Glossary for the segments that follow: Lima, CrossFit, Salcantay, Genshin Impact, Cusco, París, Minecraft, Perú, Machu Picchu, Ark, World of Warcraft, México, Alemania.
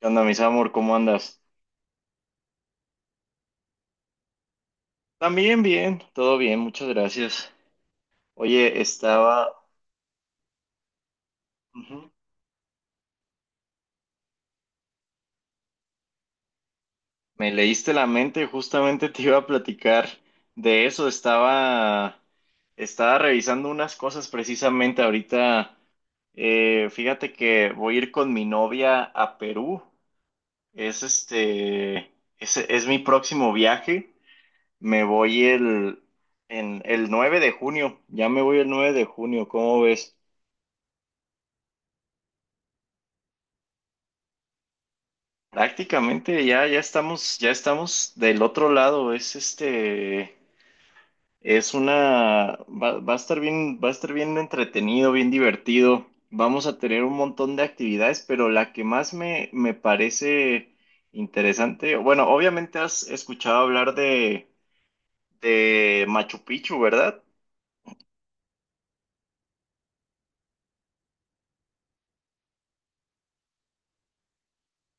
¿Qué onda, mis amor? ¿Cómo andas? También bien, todo bien, muchas gracias. Oye. Ujú. Me leíste la mente, justamente te iba a platicar de eso. Estaba revisando unas cosas precisamente ahorita. Fíjate que voy a ir con mi novia a Perú. Es este... es mi próximo viaje. Me voy el... En el 9 de junio. Ya me voy el 9 de junio, ¿cómo ves? Prácticamente ya estamos del otro lado. Es este, es una, va, va a estar bien, va a estar bien entretenido, bien divertido. Vamos a tener un montón de actividades, pero la que más me parece interesante. Bueno, obviamente has escuchado hablar de Machu Picchu, ¿verdad?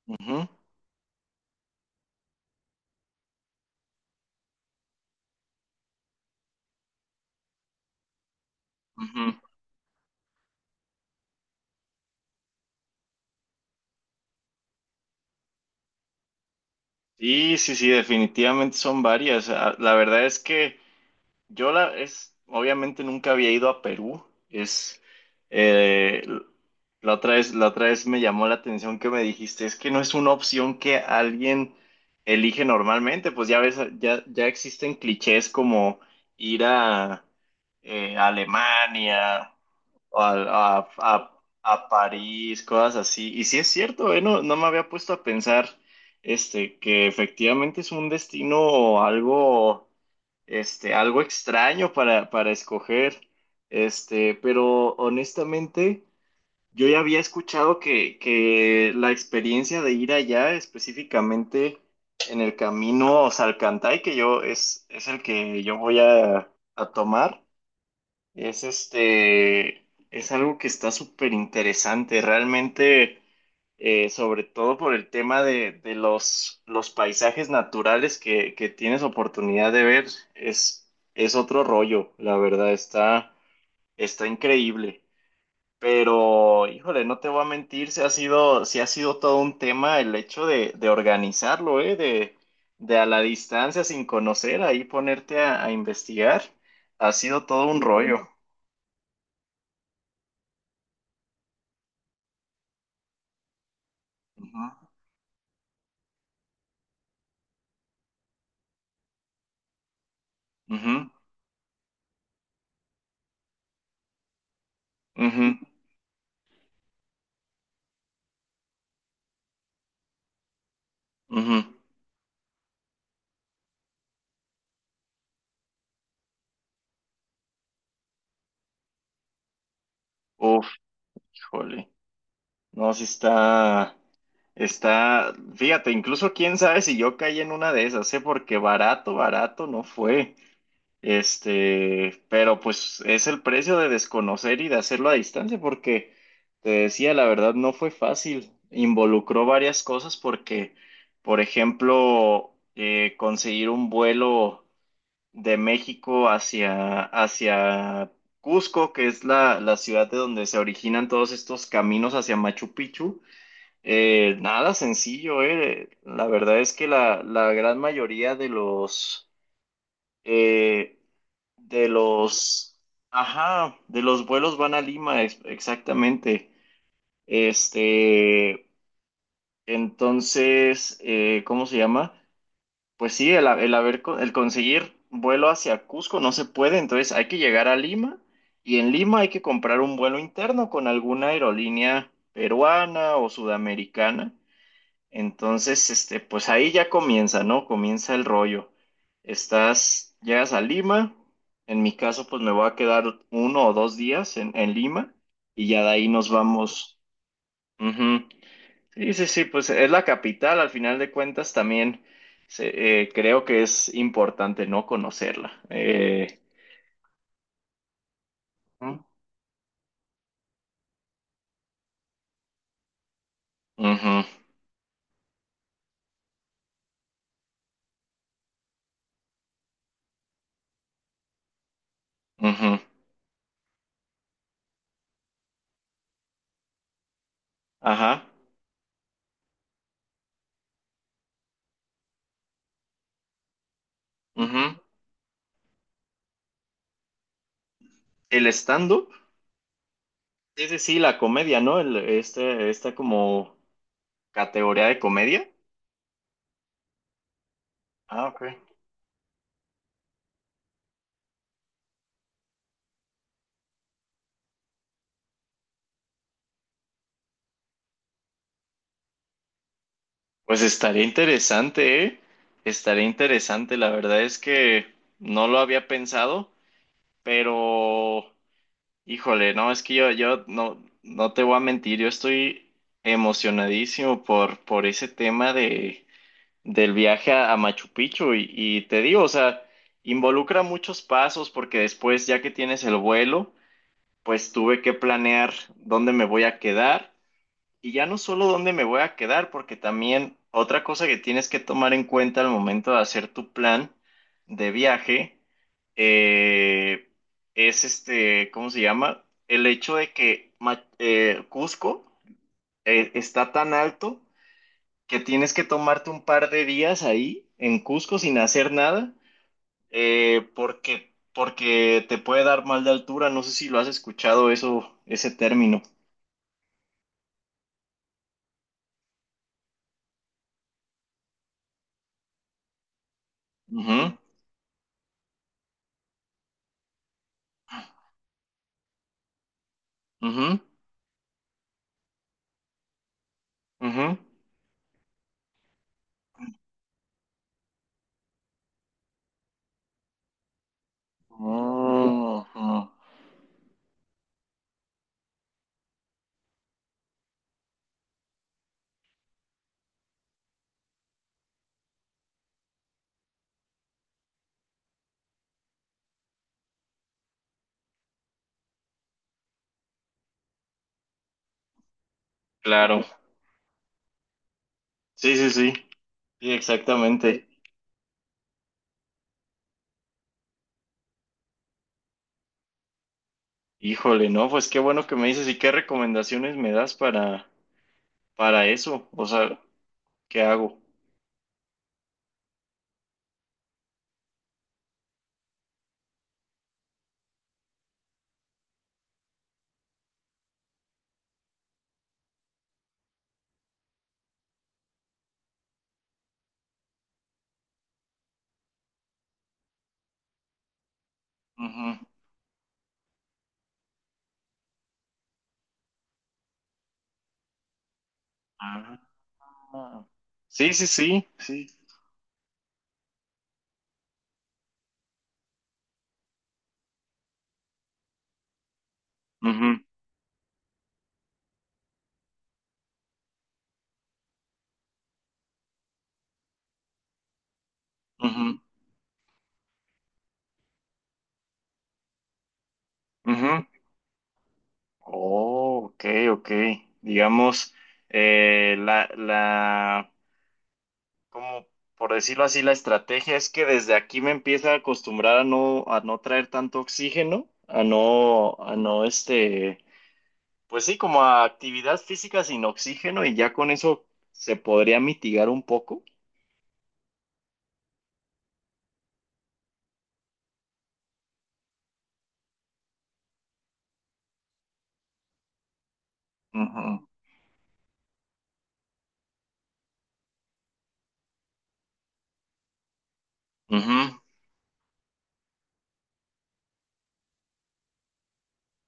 Ujú, ujú. Sí, sí, sí, definitivamente son varias. Ah, la verdad es que obviamente nunca había ido a Perú. Es eh, la otra vez me llamó la atención que me dijiste, es que no es una opción que alguien elige normalmente. Pues ya ves, ya existen clichés como ir a Alemania o a París, cosas así. Y sí es cierto, no, no me había puesto a pensar que efectivamente es un destino algo algo extraño para escoger. Pero honestamente yo ya había escuchado que la experiencia de ir allá, específicamente en el camino Salcantay, que es el que yo voy a tomar. es este, es algo que está súper interesante, realmente. Sobre todo por el tema de los paisajes naturales que tienes oportunidad de ver. Es otro rollo, la verdad. Está increíble. Pero, híjole, no te voy a mentir, sí ha sido todo un tema el hecho de organizarlo, ¿eh? De a la distancia, sin conocer, ahí ponerte a investigar. Ha sido todo un rollo. Ujú, ujú, ujú, ujú. Uf, híjole, no, sí está. Está, fíjate, incluso quién sabe si yo caí en una de esas, ¿eh? Porque barato, barato no fue. Pero pues es el precio de desconocer y de hacerlo a distancia, porque te decía, la verdad no fue fácil. Involucró varias cosas porque, por ejemplo, conseguir un vuelo de México hacia Cusco, que es la ciudad de donde se originan todos estos caminos hacia Machu Picchu. Nada sencillo. La verdad es que la gran mayoría de los eh, de los ajá, de los vuelos van a Lima, exactamente. Este, entonces, ¿cómo se llama? Pues sí, el, ha- el haber co- el conseguir vuelo hacia Cusco no se puede. Entonces hay que llegar a Lima y en Lima hay que comprar un vuelo interno con alguna aerolínea peruana o sudamericana. Entonces, pues ahí ya comienza, ¿no? Comienza el rollo. Llegas a Lima, en mi caso, pues me voy a quedar 1 o 2 días en Lima y ya de ahí nos vamos. Ujú. Sí, sí, sí, pues es la capital. Al final de cuentas también creo que es importante no conocerla. Ujú, ujú, ujú. Ajá, ujú. El stand-up, sí, sí, sí, la comedia, ¿no? El, este, esta como ¿Categoría de comedia? Ah, ok. Pues estaría interesante, ¿eh? Estaría interesante. La verdad es que no lo había pensado, pero híjole, no, es que yo no, no te voy a mentir, yo estoy emocionadísimo por ese tema del viaje a Machu Picchu y te digo, o sea, involucra muchos pasos porque después, ya que tienes el vuelo, pues tuve que planear dónde me voy a quedar y ya no solo dónde me voy a quedar, porque también otra cosa que tienes que tomar en cuenta al momento de hacer tu plan de viaje eh, es ¿cómo se llama? El hecho de que Cusco está tan alto que tienes que tomarte un par de días ahí en Cusco sin hacer nada, porque te puede dar mal de altura. No sé si lo has escuchado eso, ese término. Ujú, ujú, ujú. Ujú, claro. Sí, sí, sí. Sí, exactamente. Híjole, no, pues qué bueno que me dices y qué recomendaciones me das para eso. O sea, ¿qué hago? Ujú. Ah. Sí, sí, sí, sí. Ujú, ujú, ujú. Oh, ok, ok. Digamos, la como por decirlo así, la estrategia es que desde aquí me empieza a acostumbrar a no traer tanto oxígeno, a no, pues sí, como a actividad física sin oxígeno y ya con eso se podría mitigar un poco. Ujú. Ujú.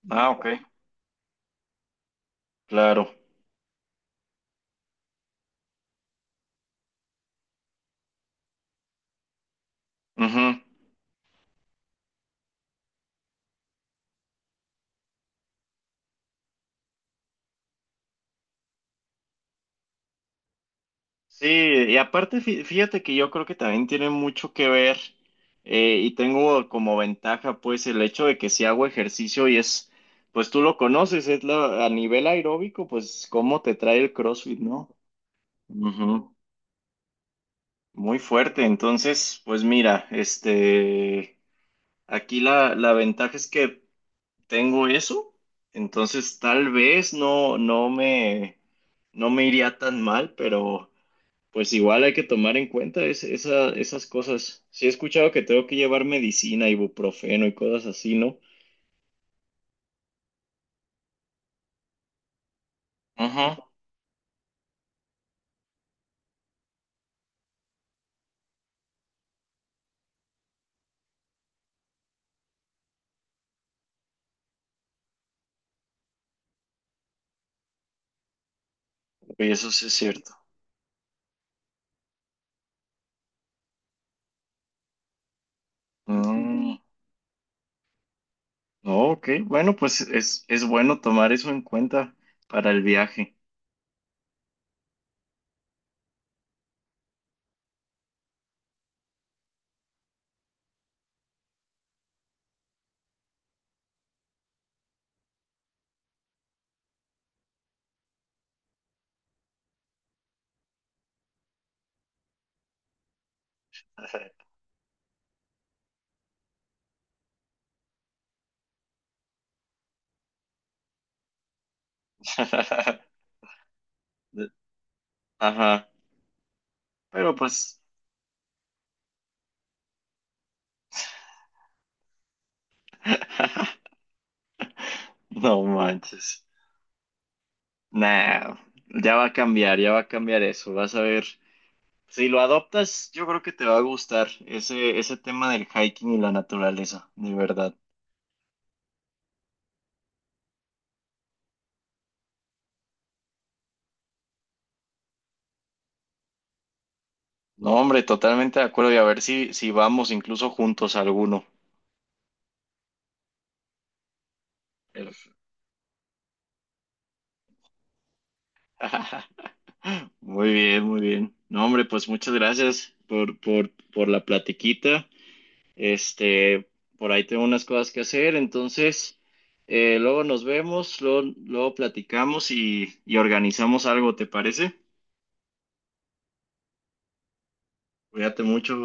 Ah, ok. Claro. Ujú. Sí, y aparte fíjate que yo creo que también tiene mucho que ver y tengo como ventaja pues el hecho de que si hago ejercicio pues tú lo conoces, a nivel aeróbico, pues cómo te trae el CrossFit, ¿no? Ujú. Muy fuerte, entonces pues mira, aquí la ventaja es que tengo eso, entonces tal vez no, no me iría tan mal, pero. Pues igual hay que tomar en cuenta esas cosas. Sí he escuchado que tengo que llevar medicina, ibuprofeno y cosas así, ¿no? Ajá, y eso sí es cierto. Mm, no, ok, bueno, pues es bueno tomar eso en cuenta para el viaje. Ajá, pero pues, no manches. Nah, ya va a cambiar, ya va a cambiar eso, vas a ver. Si lo adoptas, yo creo que te va a gustar ese tema del hiking y la naturaleza, de verdad. No, hombre, totalmente de acuerdo. Y a ver si vamos incluso juntos a alguno. Perf- Muy bien, muy bien. No, hombre, pues muchas gracias por la platiquita. Este, por ahí tengo unas cosas que hacer. Entonces, luego nos vemos, luego platicamos y organizamos algo, ¿te parece? Cuídate mucho.